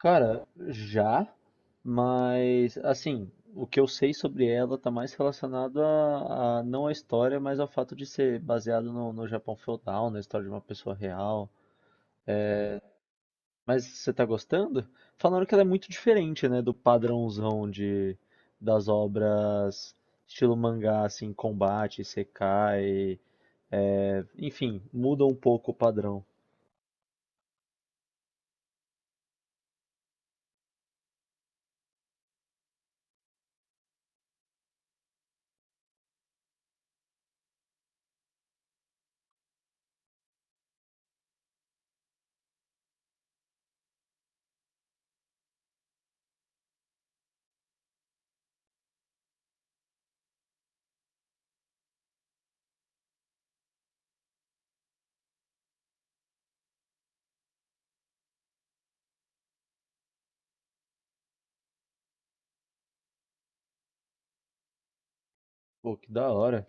Cara, já, mas assim, o que eu sei sobre ela tá mais relacionado a não à história, mas ao fato de ser baseado no Japão feudal, na história de uma pessoa real. Mas você tá gostando? Falaram que ela é muito diferente, né, do padrãozão de das obras estilo mangá, assim, combate, isekai, é, enfim, muda um pouco o padrão. Pô, que da hora.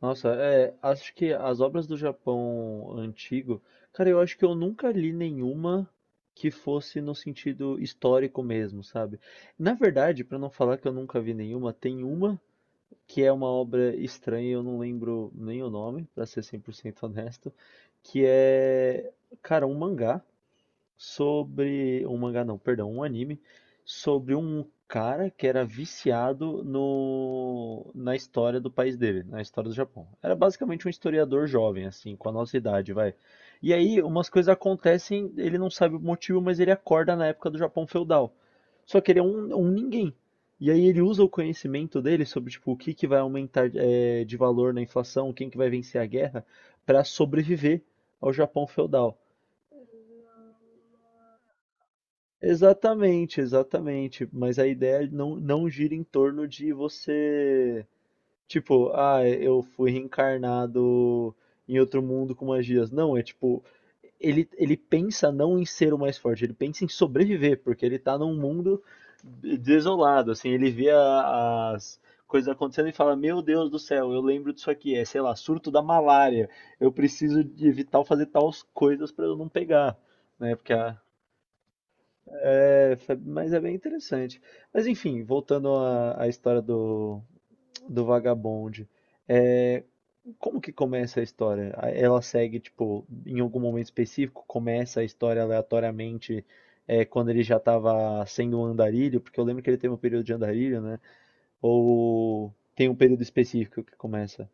Nossa, é, acho que as obras do Japão antigo, cara, eu acho que eu nunca li nenhuma que fosse no sentido histórico mesmo, sabe? Na verdade, pra não falar que eu nunca vi nenhuma, tem uma que é uma obra estranha, eu não lembro nem o nome, pra ser 100% honesto, que é, cara, um mangá sobre um mangá não, perdão, um anime sobre um cara que era viciado no na história do país dele, na história do Japão. Era basicamente um historiador jovem assim, com a nossa idade, vai. E aí umas coisas acontecem, ele não sabe o motivo, mas ele acorda na época do Japão feudal. Só que ele é um ninguém. E aí ele usa o conhecimento dele sobre tipo o que que vai aumentar de valor na inflação, quem que vai vencer a guerra, para sobreviver ao Japão feudal. Exatamente, exatamente. Mas a ideia não, não gira em torno de você, tipo, ah, eu fui reencarnado em outro mundo com magias. Não, é tipo, ele pensa não em ser o mais forte, ele pensa em sobreviver, porque ele tá num mundo desolado, assim, ele vê as coisas acontecendo e fala, meu Deus do céu, eu lembro disso aqui, é, sei lá, surto da malária, eu preciso de evitar fazer tais coisas pra eu não pegar, né? Porque a é, mas é bem interessante. Mas enfim, voltando à história do, do vagabonde, É, como que começa a história? Ela segue, tipo, em algum momento específico, começa a história aleatoriamente, é, quando ele já estava sendo um andarilho, porque eu lembro que ele teve um período de andarilho, né? Ou tem um período específico que começa?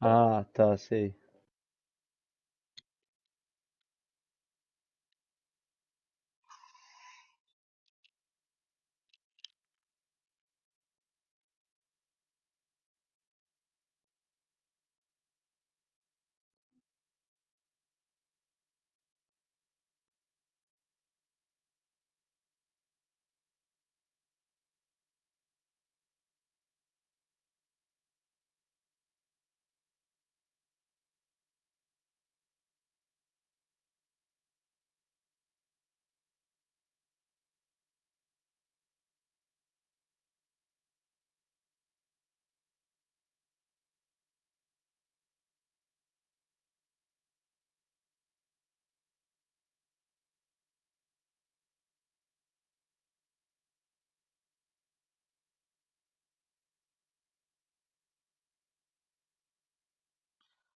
Ah, tá, sei.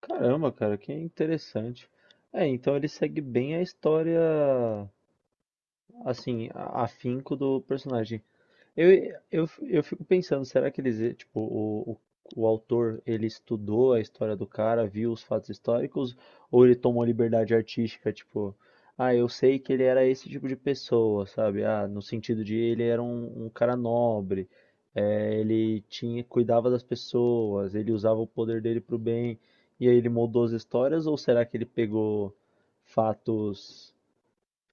Caramba, cara, que interessante. É, então ele segue bem a história, assim, afinco do personagem. Eu, eu fico pensando, será que eles, eh, tipo, o autor, ele estudou a história do cara, viu os fatos históricos, ou ele tomou liberdade artística, tipo, ah, eu sei que ele era esse tipo de pessoa, sabe? Ah, no sentido de ele era um cara nobre, eh, ele tinha, cuidava das pessoas, ele usava o poder dele pro bem, e aí ele moldou as histórias, ou será que ele pegou fatos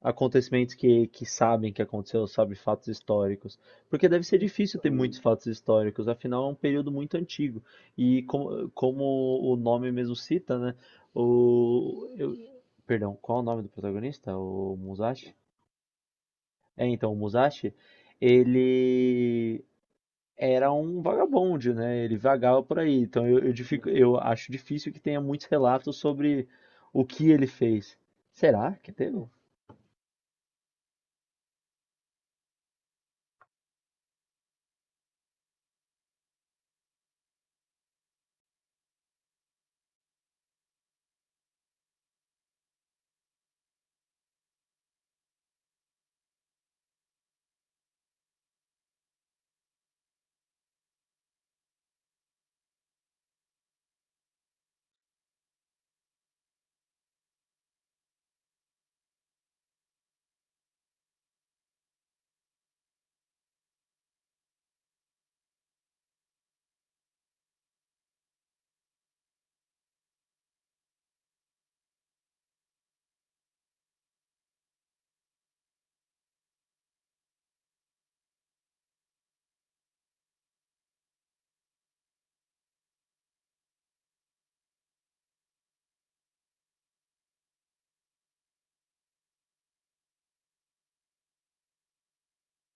acontecimentos que sabem que aconteceu, sabe, fatos históricos. Porque deve ser difícil ter muitos fatos históricos, afinal é um período muito antigo. E como, como o nome mesmo cita, né? O, eu- perdão, qual é o nome do protagonista? O Musashi? É, então, o Musashi, ele era um vagabundo, né? Ele vagava por aí. Então eu eu acho difícil que tenha muitos relatos sobre o que ele fez. Será que teve?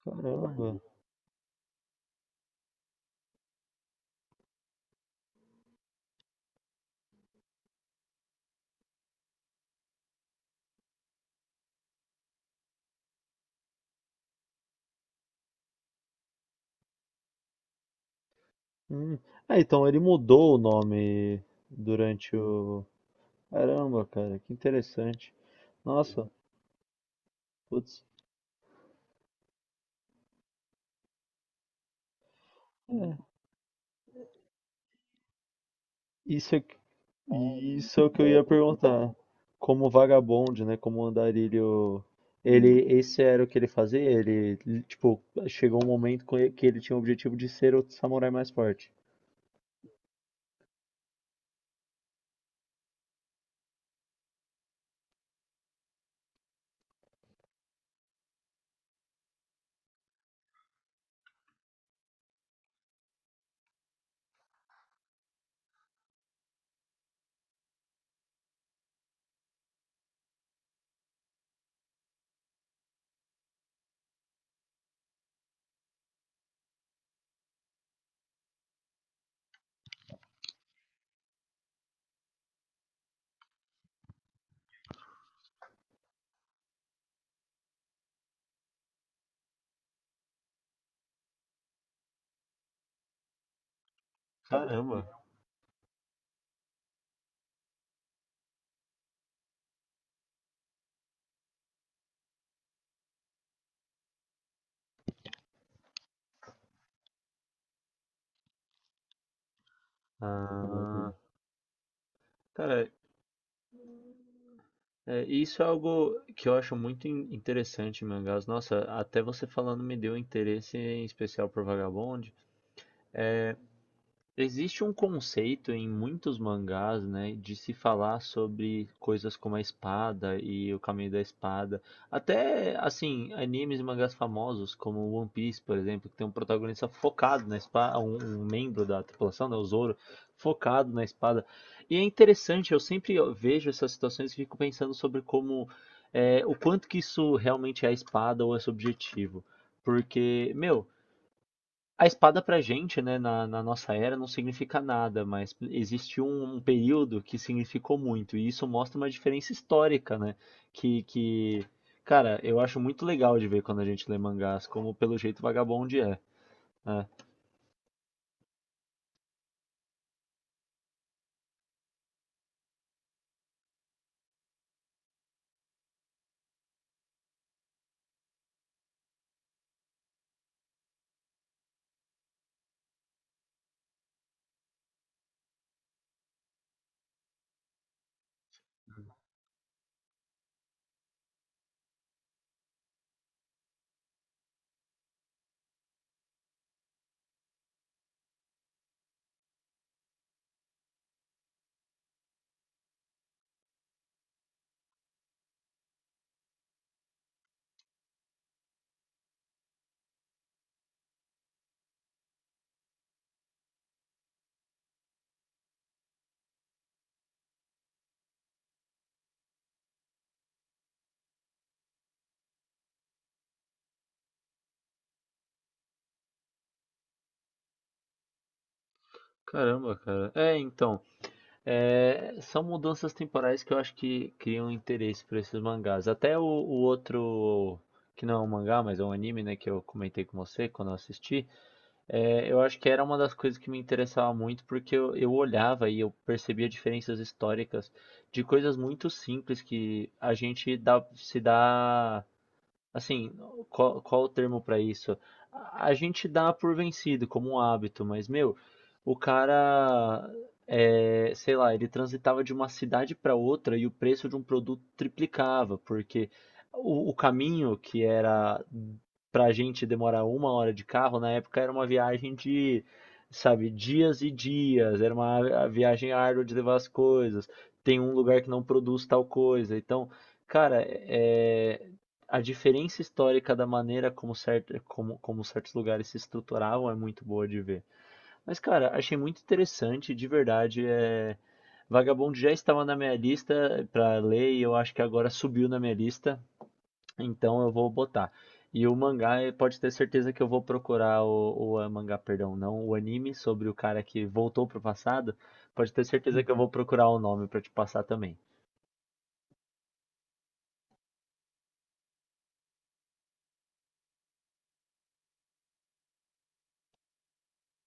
Caramba. Hum. Ah, então ele mudou o nome durante o. Caramba, cara, que interessante. Nossa, putz, isso é, isso é o que eu ia perguntar. Como vagabonde, né? Como andarilho. Ele, esse era o que ele fazia? Ele, tipo, chegou um momento com que ele tinha o objetivo de ser o samurai mais forte. Caramba. Ah, cara, é, e isso é algo que eu acho muito interessante em mangás. Nossa, até você falando me deu interesse em especial por Vagabond. Existe um conceito em muitos mangás, né, de se falar sobre coisas como a espada e o caminho da espada. Até, assim, animes e mangás famosos, como One Piece, por exemplo, que tem um protagonista focado na espada, um membro da tripulação, né, o Zoro, focado na espada. E é interessante, eu sempre vejo essas situações e fico pensando sobre como, é, o quanto que isso realmente é a espada ou é subjetivo. Porque, meu, a espada pra gente, né, na nossa era, não significa nada, mas existiu um período que significou muito, e isso mostra uma diferença histórica, né? Que, cara, eu acho muito legal de ver quando a gente lê mangás, como pelo jeito Vagabond é, né? Caramba, cara. É, então, é, são mudanças temporais que eu acho que criam interesse por esses mangás. Até o outro, que não é um mangá, mas é um anime, né, que eu comentei com você quando eu assisti. É, eu acho que era uma das coisas que me interessava muito, porque eu olhava e eu percebia diferenças históricas de coisas muito simples que a gente se dá. Assim, qual o termo pra isso? A gente dá por vencido como um hábito, mas meu, o cara, é, sei lá, ele transitava de uma cidade pra outra e o preço de um produto triplicava, porque o caminho que era pra gente demorar uma hora de carro, na época era uma viagem de, sabe, dias e dias, era uma viagem árdua de levar as coisas, tem um lugar que não produz tal coisa, então. Cara, é, a diferença histórica da maneira como, certo, como, como certos lugares se estruturavam é muito boa de ver. Mas, cara, achei muito interessante, de verdade. É... Vagabond já estava na minha lista pra ler e eu acho que agora subiu na minha lista, então eu vou botar. E o mangá, eh, pode ter certeza que eu vou procurar o mangá, perdão, não, o anime sobre o cara que voltou pro passado. Pode ter certeza que eu vou procurar o nome pra te passar também.